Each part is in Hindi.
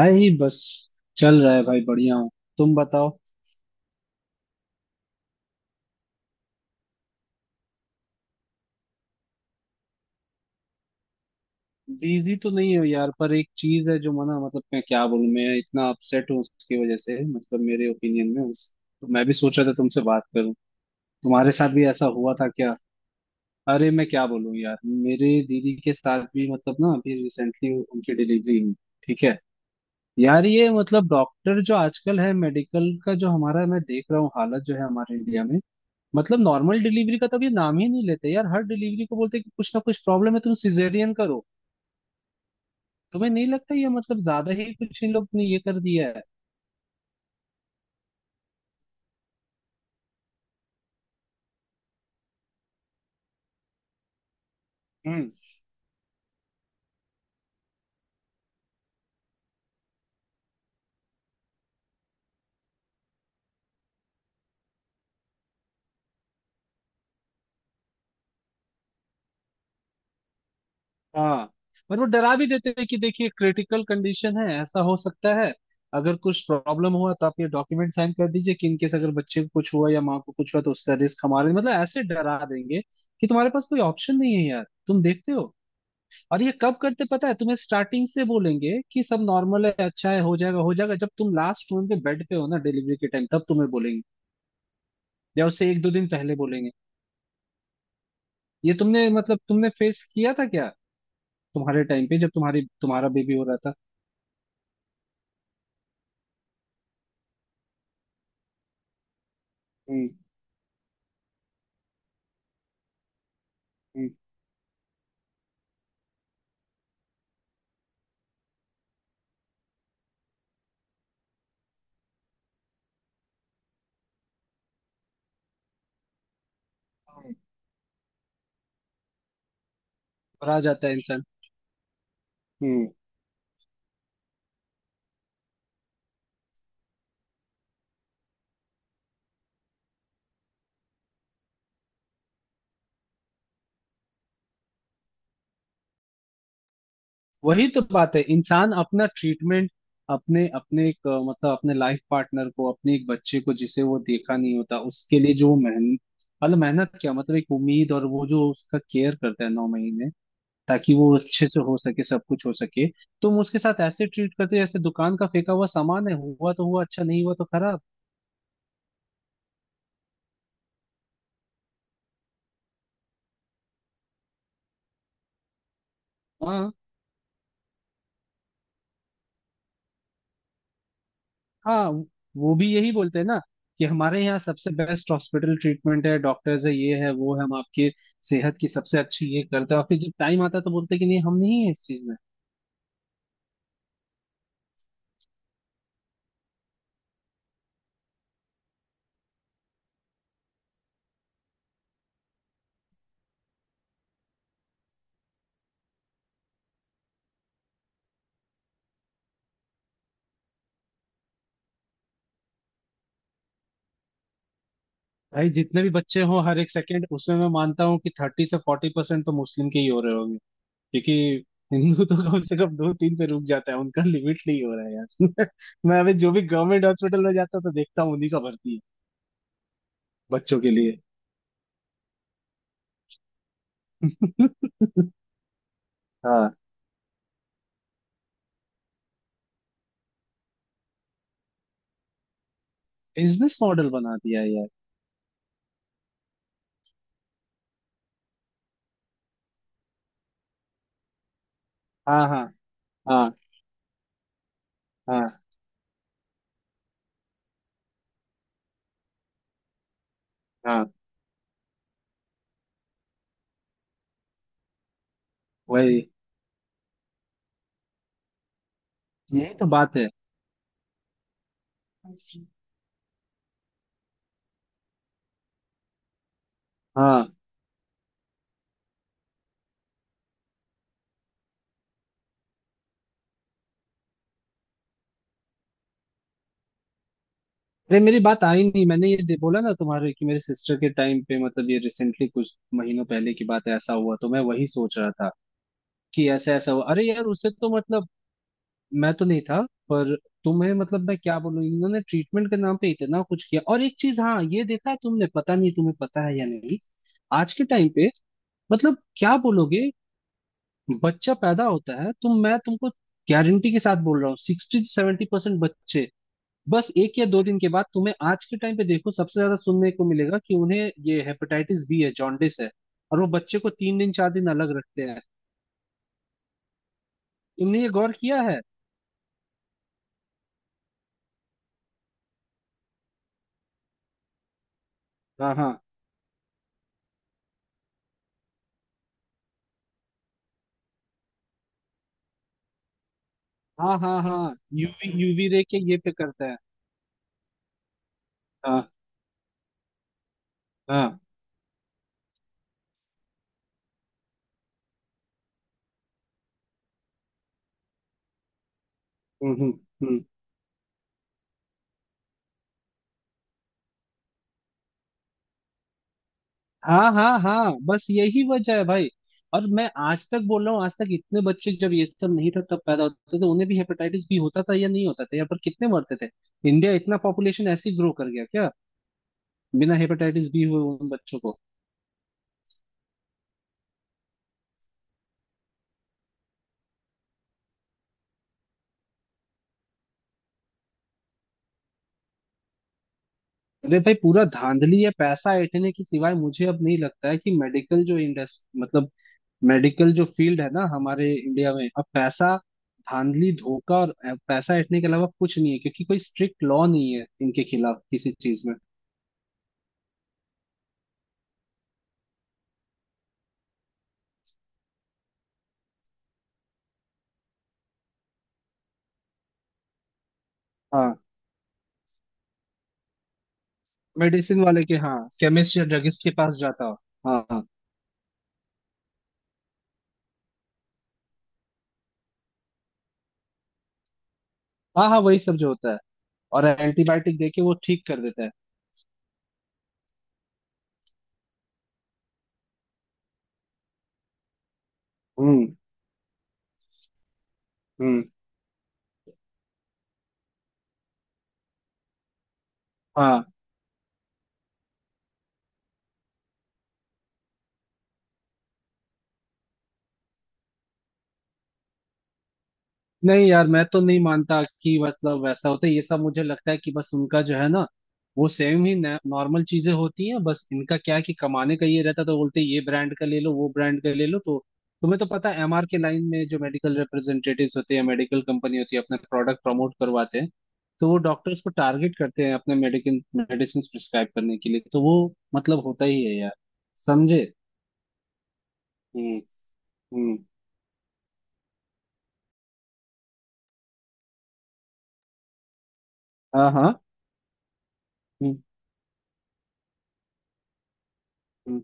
आई बस चल रहा है भाई, बढ़िया हूँ। तुम बताओ। बिजी तो नहीं हो यार, पर एक चीज है जो मना मतलब मैं क्या बोलूं, मैं इतना अपसेट हूँ उसकी वजह से। मतलब मेरे ओपिनियन में उस तो मैं भी सोच रहा था तुमसे बात करूं। तुम्हारे साथ भी ऐसा हुआ था क्या? अरे मैं क्या बोलूं यार, मेरे दीदी के साथ भी मतलब ना अभी रिसेंटली उनकी डिलीवरी हुई। ठीक है। यार ये मतलब डॉक्टर जो आजकल है, मेडिकल का जो हमारा, मैं देख रहा हूँ हालत जो है हमारे इंडिया में। मतलब नॉर्मल डिलीवरी का तब ये नाम ही नहीं लेते यार। हर डिलीवरी को बोलते हैं कि कुछ ना कुछ प्रॉब्लम है, तुम सिजेरियन करो। तुम्हें नहीं लगता ये मतलब ज्यादा ही कुछ इन लोग ने ये कर दिया है? हम्म। हाँ। और वो डरा भी देते थे कि देखिए क्रिटिकल कंडीशन है, ऐसा हो सकता है। अगर कुछ प्रॉब्लम हुआ तो आप ये डॉक्यूमेंट साइन कर दीजिए कि इनकेस अगर बच्चे को कुछ हुआ या माँ को कुछ हुआ तो उसका रिस्क हमारे, मतलब ऐसे डरा देंगे कि तुम्हारे पास कोई ऑप्शन नहीं है यार, तुम देखते हो। और ये कब करते पता है तुम्हें? स्टार्टिंग से बोलेंगे कि सब नॉर्मल है, अच्छा है, हो जाएगा हो जाएगा। जब तुम लास्ट रूम पे बेड पे हो ना डिलीवरी के टाइम, तब तुम्हें बोलेंगे, या उससे एक दो दिन पहले बोलेंगे। ये तुमने मतलब तुमने फेस किया था क्या? तुम्हारे टाइम पे जब तुम्हारी तुम्हारा बेबी हो रहा था। हम्म। हम्म। हम्म। और आ जाता है इंसान। वही तो बात है, इंसान अपना ट्रीटमेंट, अपने अपने एक मतलब अपने लाइफ पार्टनर को, अपने एक बच्चे को जिसे वो देखा नहीं होता, उसके लिए जो मेहनत, मतलब मेहनत क्या, मतलब एक उम्मीद। और वो जो उसका केयर करता है 9 महीने, ताकि वो अच्छे से हो सके, सब कुछ हो सके। तुम उसके साथ ऐसे ट्रीट करते हो जैसे दुकान का फेंका हुआ सामान है, हुआ तो हुआ, अच्छा नहीं हुआ तो खराब। हाँ हाँ। वो भी यही बोलते हैं ना, कि हमारे यहाँ सबसे बेस्ट हॉस्पिटल ट्रीटमेंट है, डॉक्टर्स है, ये है वो है, हम आपके सेहत की सबसे अच्छी ये करते हैं, और फिर जब टाइम आता है तो बोलते हैं कि नहीं हम नहीं है इस चीज में। भाई जितने भी बच्चे हो हर एक सेकंड, उसमें मैं मानता हूँ कि 30% से 40% तो मुस्लिम के ही हो रहे होंगे। क्योंकि हिंदू तो कम से कम दो तीन पे रुक जाता है, उनका लिमिट नहीं हो रहा है यार। मैं अभी जो भी गवर्नमेंट हॉस्पिटल में जाता हूँ तो देखता हूँ उन्हीं का भर्ती है बच्चों के लिए। हाँ। बिजनेस मॉडल बना दिया है यार। हाँ हाँ हाँ। हाँ हाँ वही। यही तो बात है। हाँ। अरे मेरी बात आई नहीं, मैंने ये बोला ना तुम्हारे कि मेरे सिस्टर के टाइम पे, मतलब ये रिसेंटली कुछ महीनों पहले की बात है, ऐसा हुआ तो मैं वही सोच रहा था कि ऐसा ऐसा हुआ। अरे यार उससे तो मतलब मैं तो नहीं था, पर तुम्हें मतलब मैं क्या बोलूं, इन्होंने ट्रीटमेंट के नाम पे इतना कुछ किया। और एक चीज हाँ ये देखा है तुमने, पता नहीं तुम्हें पता है या नहीं। आज के टाइम पे मतलब क्या बोलोगे, बच्चा पैदा होता है तो मैं तुमको गारंटी के साथ बोल रहा हूँ, 60% से 70% बच्चे बस एक या दो दिन के बाद, तुम्हें आज के टाइम पे देखो सबसे ज्यादा सुनने को मिलेगा कि उन्हें ये हेपेटाइटिस बी है, जॉन्डिस है। और वो बच्चे को 3 दिन 4 दिन अलग रखते हैं। तुमने ये गौर किया है? हाँ हाँ हाँ हाँ हाँ, यूवी यूवी रे के ये पे करता है। हाँ हाँ। हम्म। हम्म। हाँ हाँ हाँ, बस यही वजह है भाई। और मैं आज तक बोल रहा हूँ, आज तक इतने बच्चे जब ये सब नहीं था तब पैदा होते थे, उन्हें भी हेपेटाइटिस बी होता था या नहीं होता था, या पर कितने मरते थे? इंडिया इतना पॉपुलेशन ऐसे ग्रो कर गया क्या बिना हेपेटाइटिस बी हुए उन बच्चों को? अरे भाई पूरा धांधली है, पैसा ऐंठने के सिवाय मुझे अब नहीं लगता है कि मेडिकल जो इंडस्ट्री, मतलब मेडिकल जो फील्ड है ना हमारे इंडिया में, अब पैसा, धांधली, धोखा और पैसा ऐंठने के अलावा कुछ नहीं है। क्योंकि कोई स्ट्रिक्ट लॉ नहीं है इनके खिलाफ किसी चीज में। हाँ। मेडिसिन वाले के हाँ, केमिस्ट या ड्रगिस्ट के पास जाता हो। हाँ हाँ। हाँ हाँ वही सब जो होता है। और एंटीबायोटिक दे के वो ठीक कर देता है। हम्म हम्म। हाँ। नहीं यार, मैं तो नहीं मानता कि मतलब वैसा होता है। ये सब मुझे लगता है कि बस उनका जो है ना, वो सेम ही नॉर्मल चीजें होती हैं। बस इनका क्या है कि कमाने का ये रहता है तो बोलते हैं ये ब्रांड का ले लो, वो ब्रांड का ले लो। तो तुम्हें तो पता है, एमआर के लाइन में जो मेडिकल रिप्रेजेंटेटिव्स होते हैं, मेडिकल कंपनी होती है, अपना प्रोडक्ट प्रमोट करवाते हैं। तो वो डॉक्टर्स को टारगेट करते हैं अपने मेडिकल मेडिसिन प्रिस्क्राइब करने के लिए, तो वो मतलब होता ही है यार। समझे। हम्म। हम्म। हाँ हाँ। हम्म हम्म।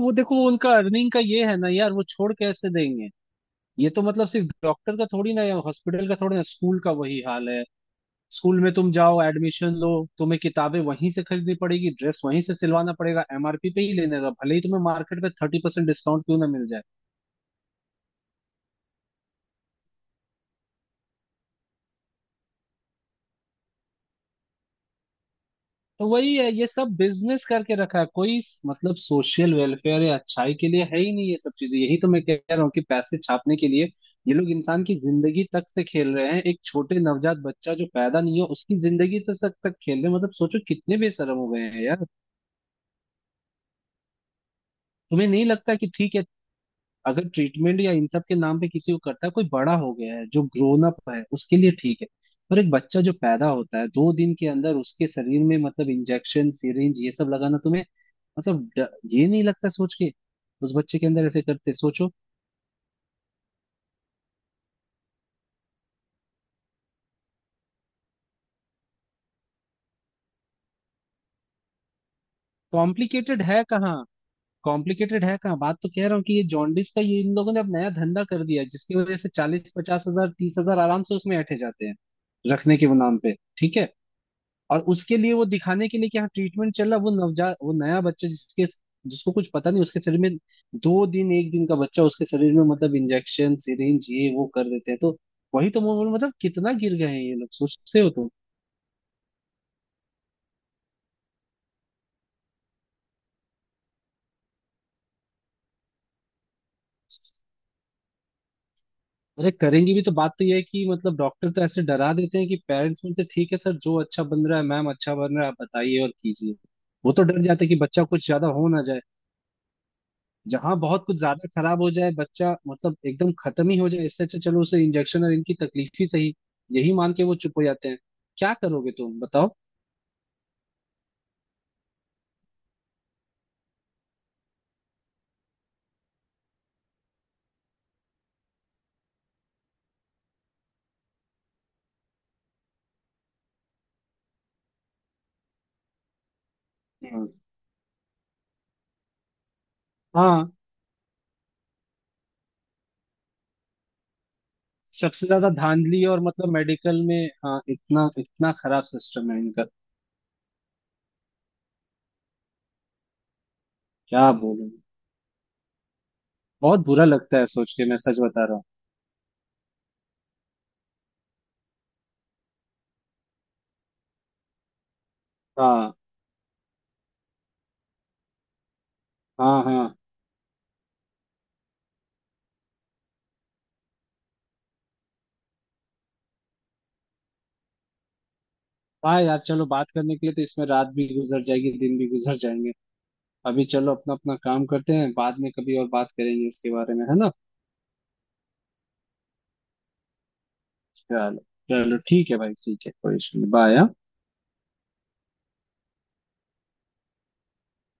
वो देखो उनका अर्निंग का ये है ना यार, वो छोड़ कैसे देंगे। ये तो मतलब सिर्फ डॉक्टर का थोड़ी ना या हॉस्पिटल का थोड़ी ना, स्कूल का वही हाल है। स्कूल में तुम जाओ, एडमिशन लो, तुम्हें किताबें वहीं से खरीदनी पड़ेगी, ड्रेस वहीं से सिलवाना पड़ेगा, एमआरपी पे ही लेने का, भले ही तुम्हें मार्केट में 30% डिस्काउंट क्यों ना मिल जाए। तो वही है, ये सब बिजनेस करके रखा है, कोई मतलब सोशल वेलफेयर या अच्छाई के लिए है ही नहीं ये सब चीजें। यही तो मैं कह रहा हूँ कि पैसे छापने के लिए ये लोग इंसान की जिंदगी तक से खेल रहे हैं, एक छोटे नवजात बच्चा जो पैदा नहीं हुआ उसकी जिंदगी तक तक खेल रहे हैं। मतलब सोचो कितने बेशरम हो गए हैं यार। तुम्हें नहीं लगता कि ठीक है, अगर ट्रीटमेंट या इन सब के नाम पे किसी को करता है, कोई बड़ा हो गया है जो ग्रोन अप है उसके लिए ठीक है। पर एक बच्चा जो पैदा होता है, 2 दिन के अंदर उसके शरीर में मतलब इंजेक्शन सिरिंज ये सब लगाना, तुम्हें मतलब ये नहीं लगता सोच के, उस बच्चे के अंदर ऐसे करते सोचो? कॉम्प्लिकेटेड है कहाँ? कॉम्प्लिकेटेड है कहाँ, बात तो कह रहा हूँ कि ये जॉन्डिस का ये इन लोगों ने अब नया धंधा कर दिया है, जिसकी वजह से 40-50 हजार, 30 हजार आराम से उसमें ऐंठे जाते हैं रखने के नाम पे। ठीक है। और उसके लिए वो दिखाने के लिए कि हाँ ट्रीटमेंट चल रहा, वो नवजात, वो नया बच्चा जिसके, जिसको कुछ पता नहीं, उसके शरीर में, दो दिन, एक दिन का बच्चा उसके शरीर में, मतलब इंजेक्शन सिरिंज ये वो कर देते हैं। तो वही तो मैं मतलब कितना गिर गए हैं ये लोग, सोचते हो तुम? अरे करेंगे भी तो, बात तो ये है कि मतलब डॉक्टर तो ऐसे डरा देते हैं कि पेरेंट्स बोलते हैं, ठीक है सर जो अच्छा बन रहा है, मैम अच्छा बन रहा है आप बताइए और कीजिए। वो तो डर जाते हैं कि बच्चा कुछ ज्यादा हो ना जाए, जहां बहुत कुछ ज्यादा खराब हो जाए बच्चा, मतलब एकदम खत्म ही हो जाए, इससे अच्छा चलो उसे इंजेक्शन और इनकी तकलीफ ही सही, यही मान के वो चुप हो जाते हैं। क्या करोगे, तुम बताओ। हम्म। हाँ सबसे ज्यादा धांधली और मतलब मेडिकल में, हाँ इतना इतना खराब सिस्टम है इनका। क्या बोलूं, बहुत बुरा लगता है सोच के, मैं सच बता रहा हूँ। हाँ हाँ हाँ। हाँ यार चलो, बात करने के लिए तो इसमें रात भी गुजर जाएगी, दिन भी गुजर जाएंगे। अभी चलो अपना अपना काम करते हैं, बाद में कभी और बात करेंगे इसके बारे में, है ना। चलो। चलो ठीक है भाई, ठीक है, कोई इशू नहीं, बाय।